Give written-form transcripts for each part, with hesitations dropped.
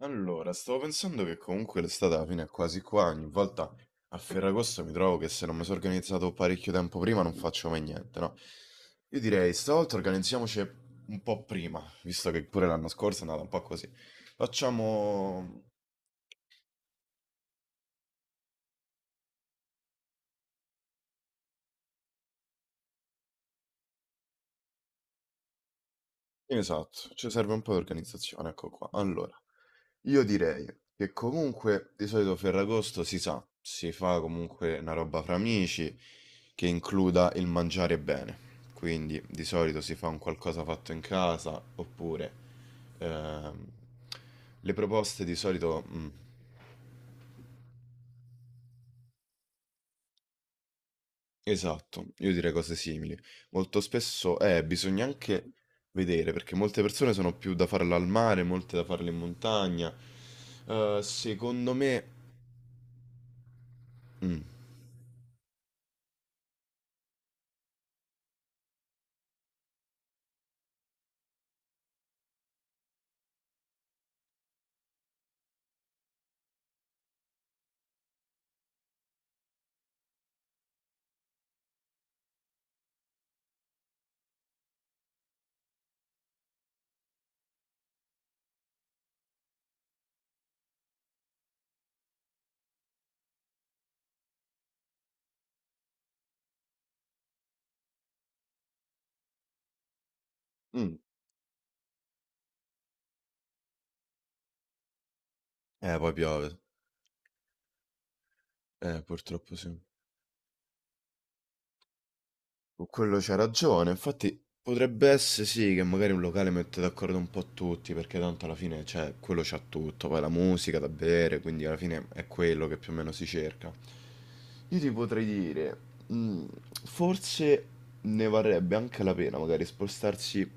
Allora, stavo pensando che comunque l'estate alla fine è quasi qua, ogni volta a Ferragosto mi trovo che se non mi sono organizzato parecchio tempo prima non faccio mai niente, no? Io direi, stavolta organizziamoci un po' prima, visto che pure l'anno scorso è andata un po' così. Facciamo. Esatto, ci serve un po' di organizzazione, ecco qua. Allora, io direi che comunque di solito Ferragosto si sa, si fa comunque una roba fra amici che includa il mangiare bene. Quindi di solito si fa un qualcosa fatto in casa oppure ehm, le proposte di solito. Mm. Esatto, io direi cose simili. Molto spesso bisogna anche vedere, perché molte persone sono più da farla al mare, molte da farle in montagna. Secondo me. Mm. Mm. Poi piove. Purtroppo sì. Con quello c'ha ragione, infatti potrebbe essere sì che magari un locale mette d'accordo un po' tutti, perché tanto alla fine cioè, quello c'ha tutto, poi la musica da bere, quindi alla fine è quello che più o meno si cerca. Io ti potrei dire, mm, forse ne varrebbe anche la pena magari spostarsi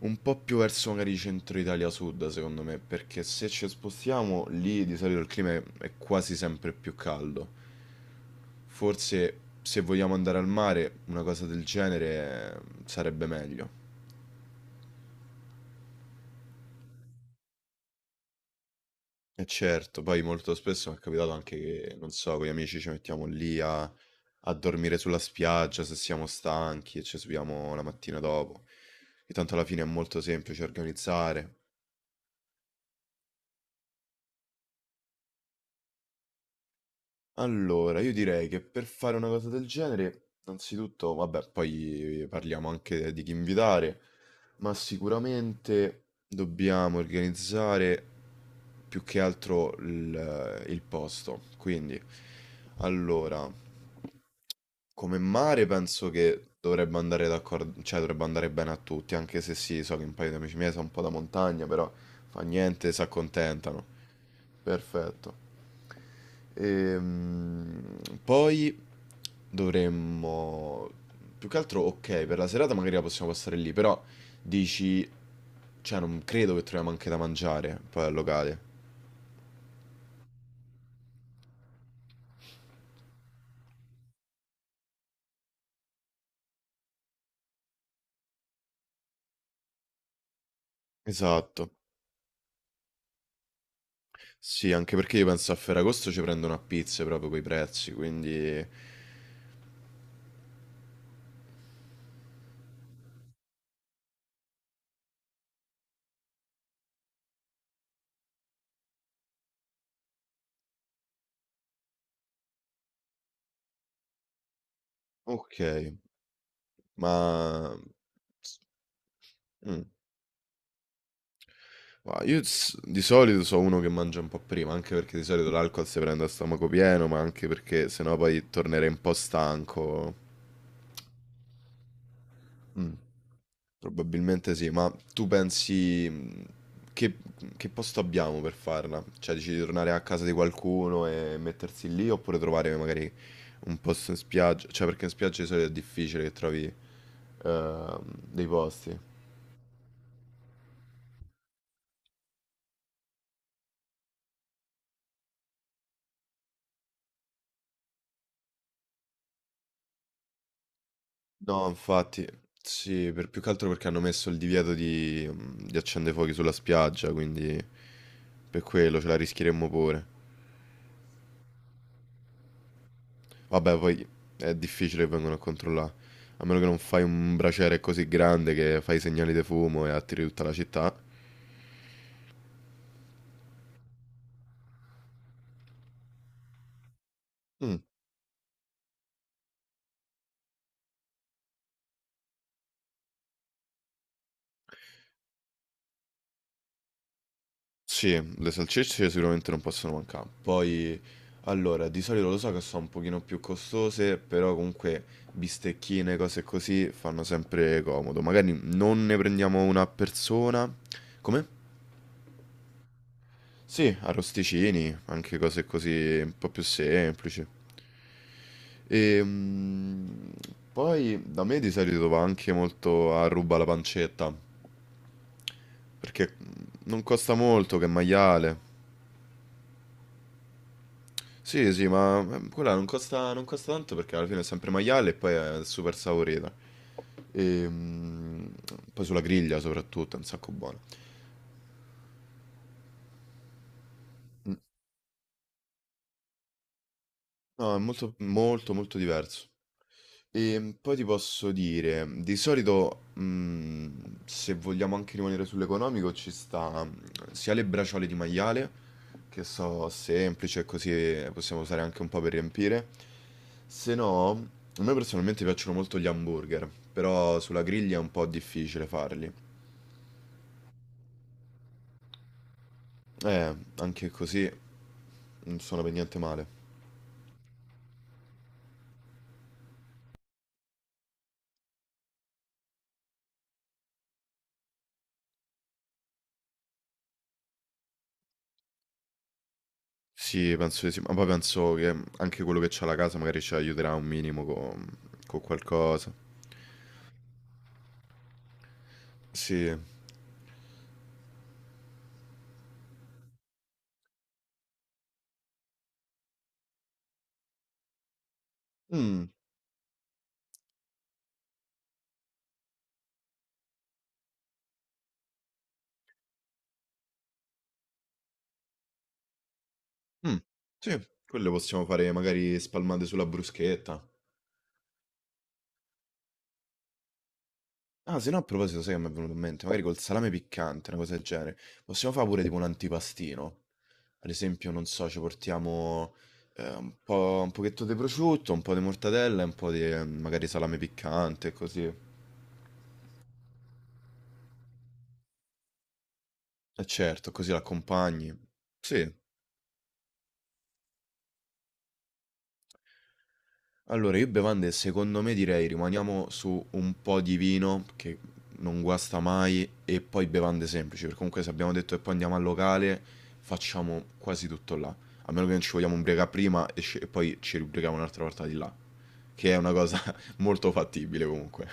un po' più verso magari centro Italia sud, secondo me, perché se ci spostiamo lì di solito il clima è quasi sempre più caldo. Forse se vogliamo andare al mare, una cosa del genere sarebbe meglio. E certo, poi molto spesso mi è capitato anche che, non so, con gli amici ci mettiamo lì a dormire sulla spiaggia se siamo stanchi e ci subiamo la mattina dopo. E tanto alla fine è molto semplice organizzare. Allora, io direi che per fare una cosa del genere, innanzitutto, vabbè, poi parliamo anche di chi invitare, ma sicuramente dobbiamo organizzare più che altro il posto. Quindi, allora, come mare penso che dovrebbe andare d'accordo, cioè dovrebbe andare bene a tutti, anche se sì, so che un paio di amici miei sono un po' da montagna, però fa niente, si accontentano. Perfetto. Ehm, Poi dovremmo. Più che altro, ok, per la serata magari la possiamo passare lì, però dici. Cioè, non credo che troviamo anche da mangiare poi al locale. Esatto. Sì, anche perché io penso a Ferragosto ci prendono a pizze proprio quei prezzi, quindi. Ok, ma. Mm. Ma io di solito so uno che mangia un po' prima, anche perché di solito l'alcol si prende a stomaco pieno, ma anche perché sennò poi tornerei un po' stanco. Mh, Probabilmente sì, ma tu pensi, che che posto abbiamo per farla? Cioè dici di tornare a casa di qualcuno e mettersi lì, oppure trovare magari un posto in spiaggia? Cioè perché in spiaggia di solito è difficile che trovi, ehm, dei posti. No, infatti, sì, per più che altro perché hanno messo il divieto di di accendefuochi sulla spiaggia, quindi per quello ce la rischieremmo pure. Vabbè, poi è difficile che vengano a controllare. A meno che non fai un braciere così grande che fai segnali di fumo e attiri tutta la città. Mm. Sì, le salsicce sicuramente non possono mancare. Poi, allora, di solito lo so che sono un pochino più costose, però comunque bistecchine, cose così, fanno sempre comodo. Magari non ne prendiamo una a persona. Come? Sì, arrosticini, anche cose così un po' più semplici. E, mm, Poi da me di solito va anche molto a ruba la pancetta, perché non costa molto che è maiale. Sì, sì, ma quella non costa, non costa tanto perché alla fine è sempre maiale e poi è super saporita. E, mm, Poi sulla griglia soprattutto è un sacco buona. Mm. No, è molto, molto, molto diverso. E poi ti posso dire, di solito, se vogliamo anche rimanere sull'economico, ci sta sia le bracciole di maiale, che so semplice, così possiamo usare anche un po' per riempire. Se no, a me personalmente piacciono molto gli hamburger, però sulla griglia è un po' difficile farli. Anche così non sono per niente male. Sì, penso di sì, ma poi penso che anche quello che c'ha la casa magari ci aiuterà un minimo con, qualcosa. Sì. Mm. Mh, sì, quelle possiamo fare magari spalmate sulla bruschetta. Ah, se no a proposito sai che m'è venuto in mente? Magari col salame piccante, una cosa del genere. Possiamo fa' pure tipo un antipastino? Ad esempio, non so, ci portiamo, un po' un pochetto di prosciutto, un po' di mortadella e un po' di, magari salame piccante, così. Eh certo, così l'accompagni. Sì. Allora, io bevande secondo me direi rimaniamo su un po' di vino che non guasta mai e poi bevande semplici, perché comunque se abbiamo detto che poi andiamo al locale facciamo quasi tutto là, a meno che non ci vogliamo ubriacare prima e poi ci ubriachiamo un'altra volta di là, che è una cosa molto fattibile comunque.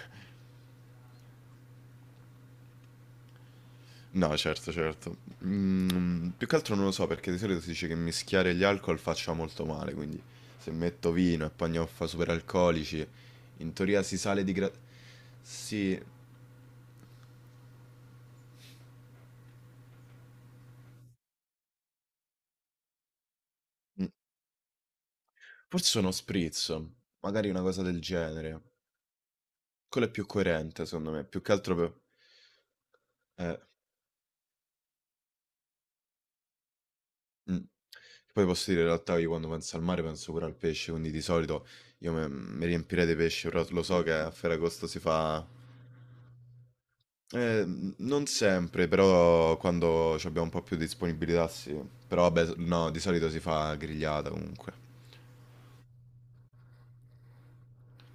No, certo, certo. Più che altro non lo so perché di solito si dice che mischiare gli alcol faccia molto male, quindi se metto vino e pagnotta superalcolici, in teoria si sale di gra. Sì, mm, forse uno spritz, magari una cosa del genere. Quello è più coerente, secondo me, più che altro per. eh, mm. Poi posso dire in realtà io quando penso al mare penso pure al pesce, quindi di solito io mi riempirei di pesce, però lo so che a Ferragosto si fa. Non sempre, però quando ci abbiamo un po' più di disponibilità sì. Però vabbè, no, di solito si fa grigliata comunque.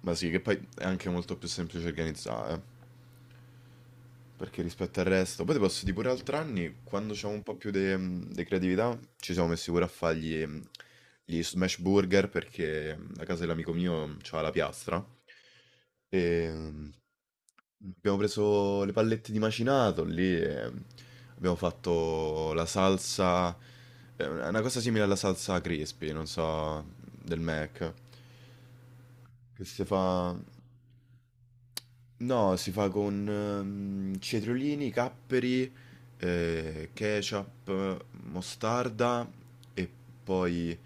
Ma sì, che poi è anche molto più semplice organizzare, perché rispetto al resto. Poi ti posso dire pure altri anni, quando c'è un po' più di creatività, ci siamo messi pure a fargli gli smash burger, perché a casa dell'amico mio c'ha la piastra. Ehm, Abbiamo preso le pallette di macinato lì e abbiamo fatto la salsa, una cosa simile alla salsa crispy, non so, del Mac, che si fa. No, si fa con cetriolini, capperi, ketchup, mostarda e poi.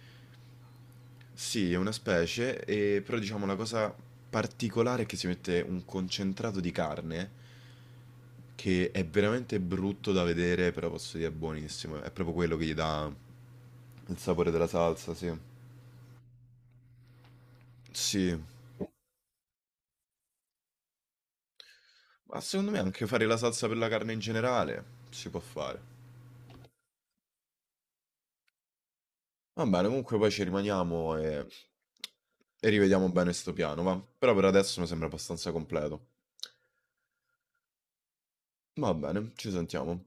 Sì, è una specie, però diciamo la cosa particolare è che si mette un concentrato di carne che è veramente brutto da vedere, però posso dire è buonissimo. È proprio quello che gli dà il sapore della salsa, sì. Sì, ma secondo me anche fare la salsa per la carne in generale si può fare. Va bene, comunque poi ci rimaniamo e rivediamo bene sto piano, va. Però per adesso mi sembra abbastanza completo. Va bene, ci sentiamo.